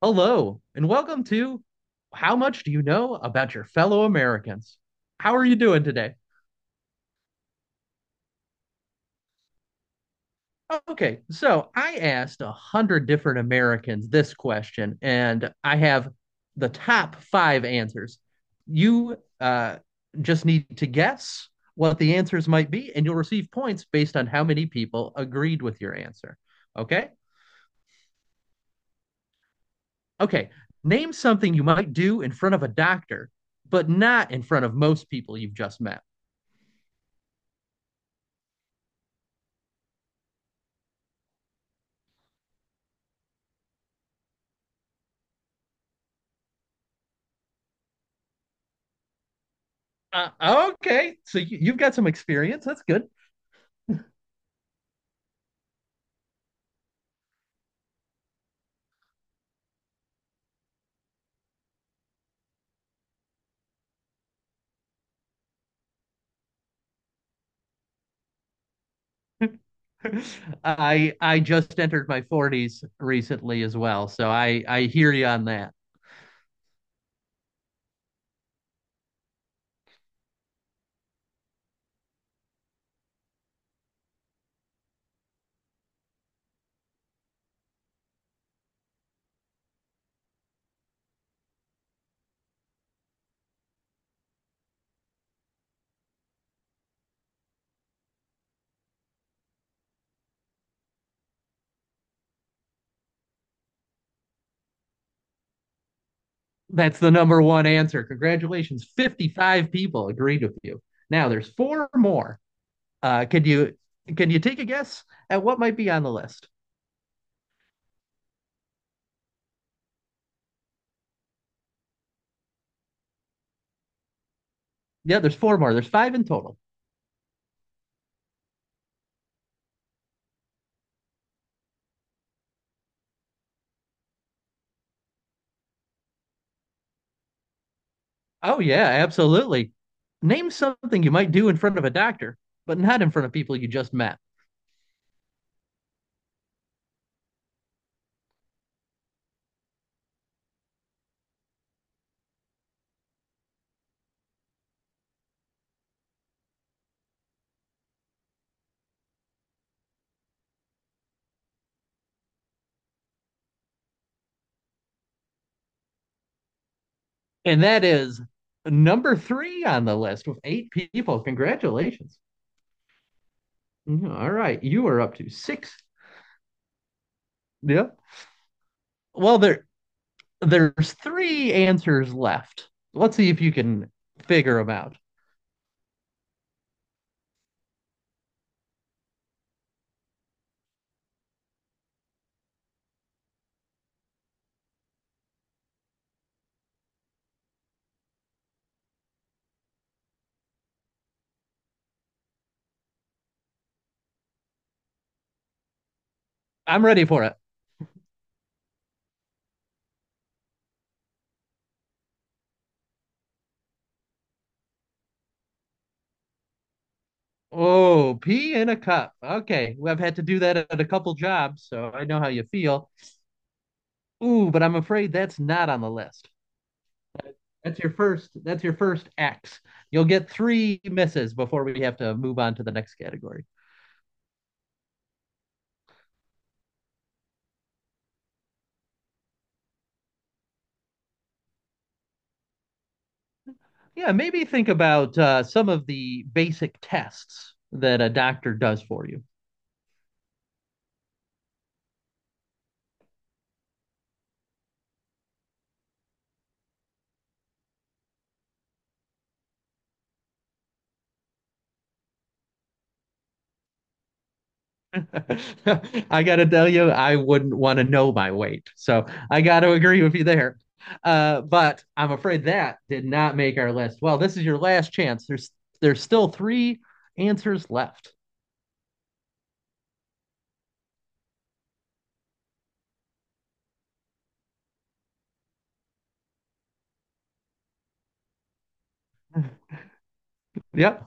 Hello, and welcome to How Much Do You Know About Your Fellow Americans? How are you doing today? Okay, so I asked a hundred different Americans this question, and I have the top five answers. You just need to guess what the answers might be, and you'll receive points based on how many people agreed with your answer. Okay? Okay, name something you might do in front of a doctor, but not in front of most people you've just met. Okay, so you've got some experience. That's good. I just entered my 40s recently as well, so I hear you on that. That's the number one answer. Congratulations. 55 people agreed with you. Now there's four more. Uh, can you can you take a guess at what might be on the list? Yeah, there's four more. There's five in total. Oh, yeah, absolutely. Name something you might do in front of a doctor, but not in front of people you just met. And that is number three on the list with eight people. Congratulations. Mhm. All right, you are up to six. Yep. Well, there's three answers left. Let's see if you can figure them out. I'm ready for it. Oh, pee in a cup. Okay, well, I've had to do that at a couple jobs, so I know how you feel. Ooh, but I'm afraid that's not on the list. That's your first X. You'll get three misses before we have to move on to the next category. Yeah, maybe think about some of the basic tests that a doctor does for you. I gotta tell you, I wouldn't want to know my weight. So I gotta agree with you there. But I'm afraid that did not make our list. Well, this is your last chance. There's still three answers left. Yep.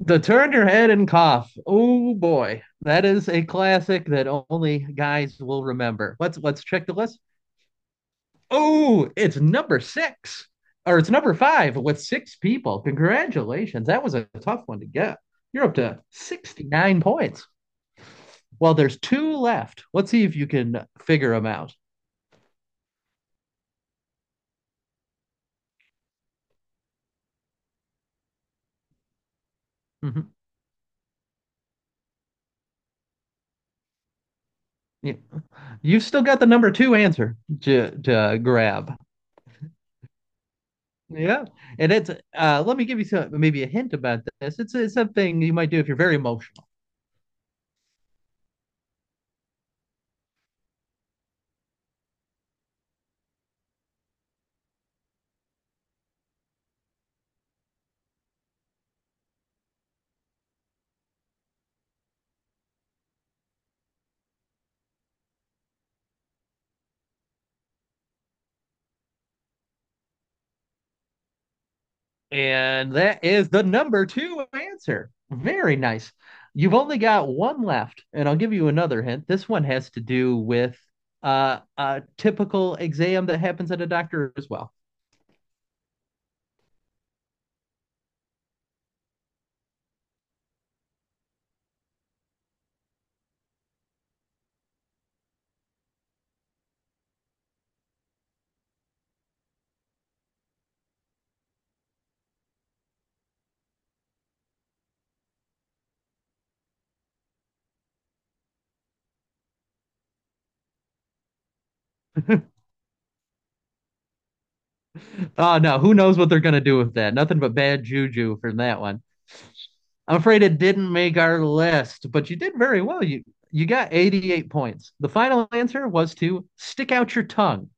The turn your head and cough. Oh boy, that is a classic that only guys will remember. Let's check the list. Oh, it's number six, or it's number five with six people. Congratulations, that was a tough one to get. You're up to 69 points. Well, there's two left. Let's see if you can figure them out. Mhm. Yeah. You've still got the number two answer to grab. Yeah, and it's let me give you some maybe a hint about this. It's something you might do if you're very emotional. And that is the number two answer. Very nice. You've only got one left, and I'll give you another hint. This one has to do with a typical exam that happens at a doctor as well. Oh no, who knows what they're gonna do with that? Nothing but bad juju from that one. I'm afraid it didn't make our list, but you did very well. You got 88 points. The final answer was to stick out your tongue.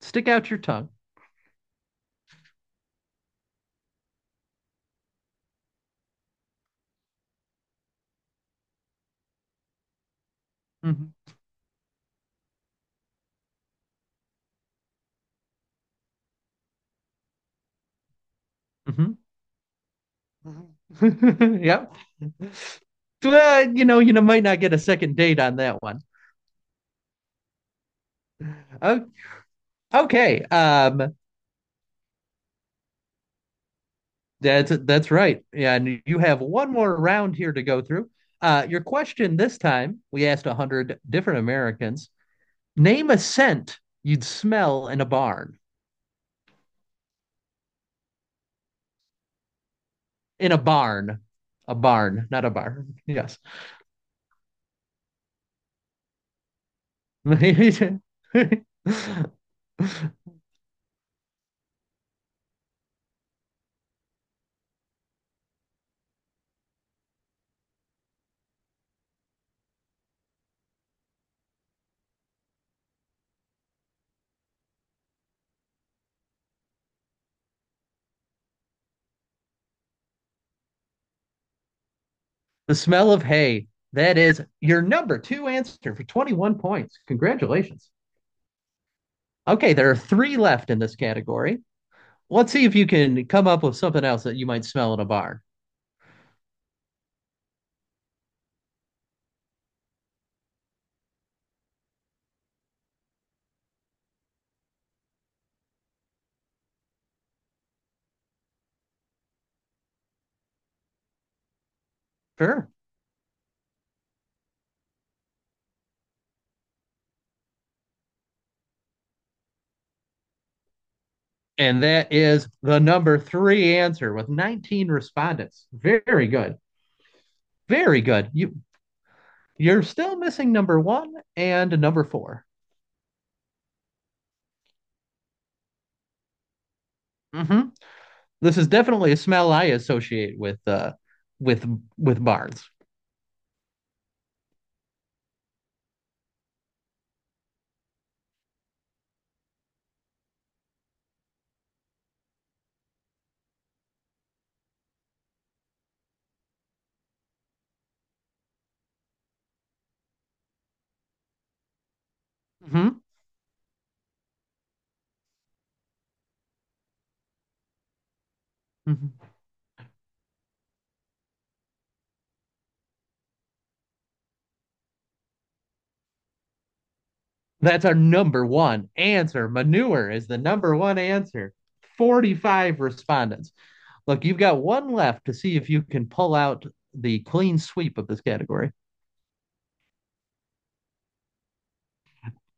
Stick out your tongue. Mm-hmm. Mm-hmm. Mm-hmm. Yep. Well, you know, might not get a second date on that one. Okay. That's right. Yeah, and you have one more round here to go through. Your question this time, we asked 100 different Americans, name a scent you'd smell in a barn. in a barn, a barn, not a barn. Yes. The smell of hay. That is your number two answer for 21 points. Congratulations. Okay, there are three left in this category. Let's see if you can come up with something else that you might smell in a barn. Sure. And that is the number three answer with 19 respondents. Very good. Very good. You you're still missing number one and number 4. Mm-hmm. This is definitely a smell I associate with with with barns. Hmm. Hmm. That's our number one answer. Manure is the number one answer. 45 respondents. Look, you've got one left to see if you can pull out the clean sweep of this category.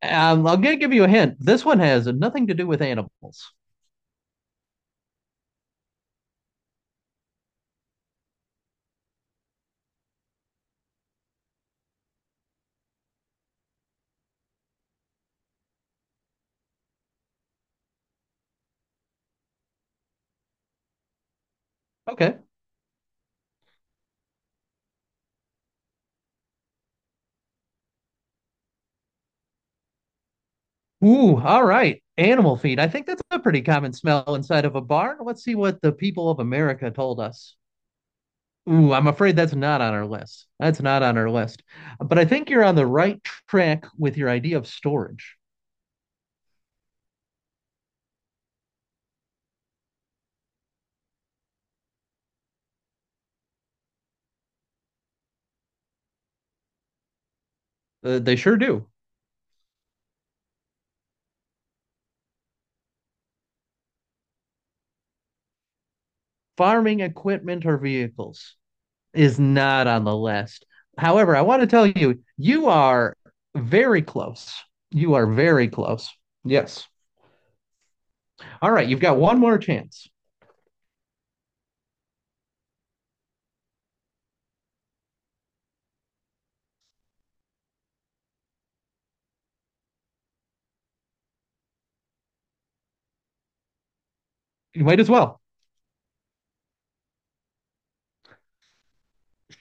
I'm going to give you a hint. This one has nothing to do with animals. Okay. Ooh, all right. Animal feed. I think that's a pretty common smell inside of a barn. Let's see what the people of America told us. Ooh, I'm afraid that's not on our list. That's not on our list. But I think you're on the right track with your idea of storage. They sure do. Farming equipment or vehicles is not on the list. However, I want to tell you, you are very close. You are very close. Yes. All right, you've got one more chance. You might as well.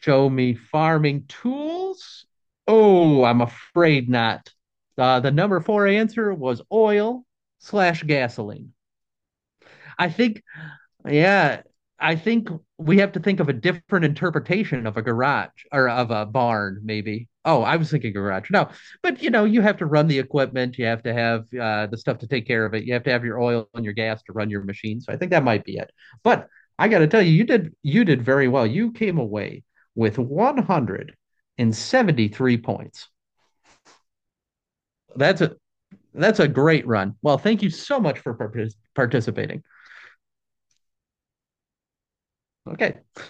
Show me farming tools? Oh, I'm afraid not. The number four answer was oil slash gasoline. I think yeah, I think we have to think of a different interpretation of a garage or of a barn, maybe. Oh, I was thinking garage. No, but you know, you have to run the equipment, you have to have the stuff to take care of it, you have to have your oil and your gas to run your machine. So I think that might be it. But I got to tell you, you did very well. You came away with 173 points. That's a that's a great run. Well, thank you so much for partic- participating. Okay.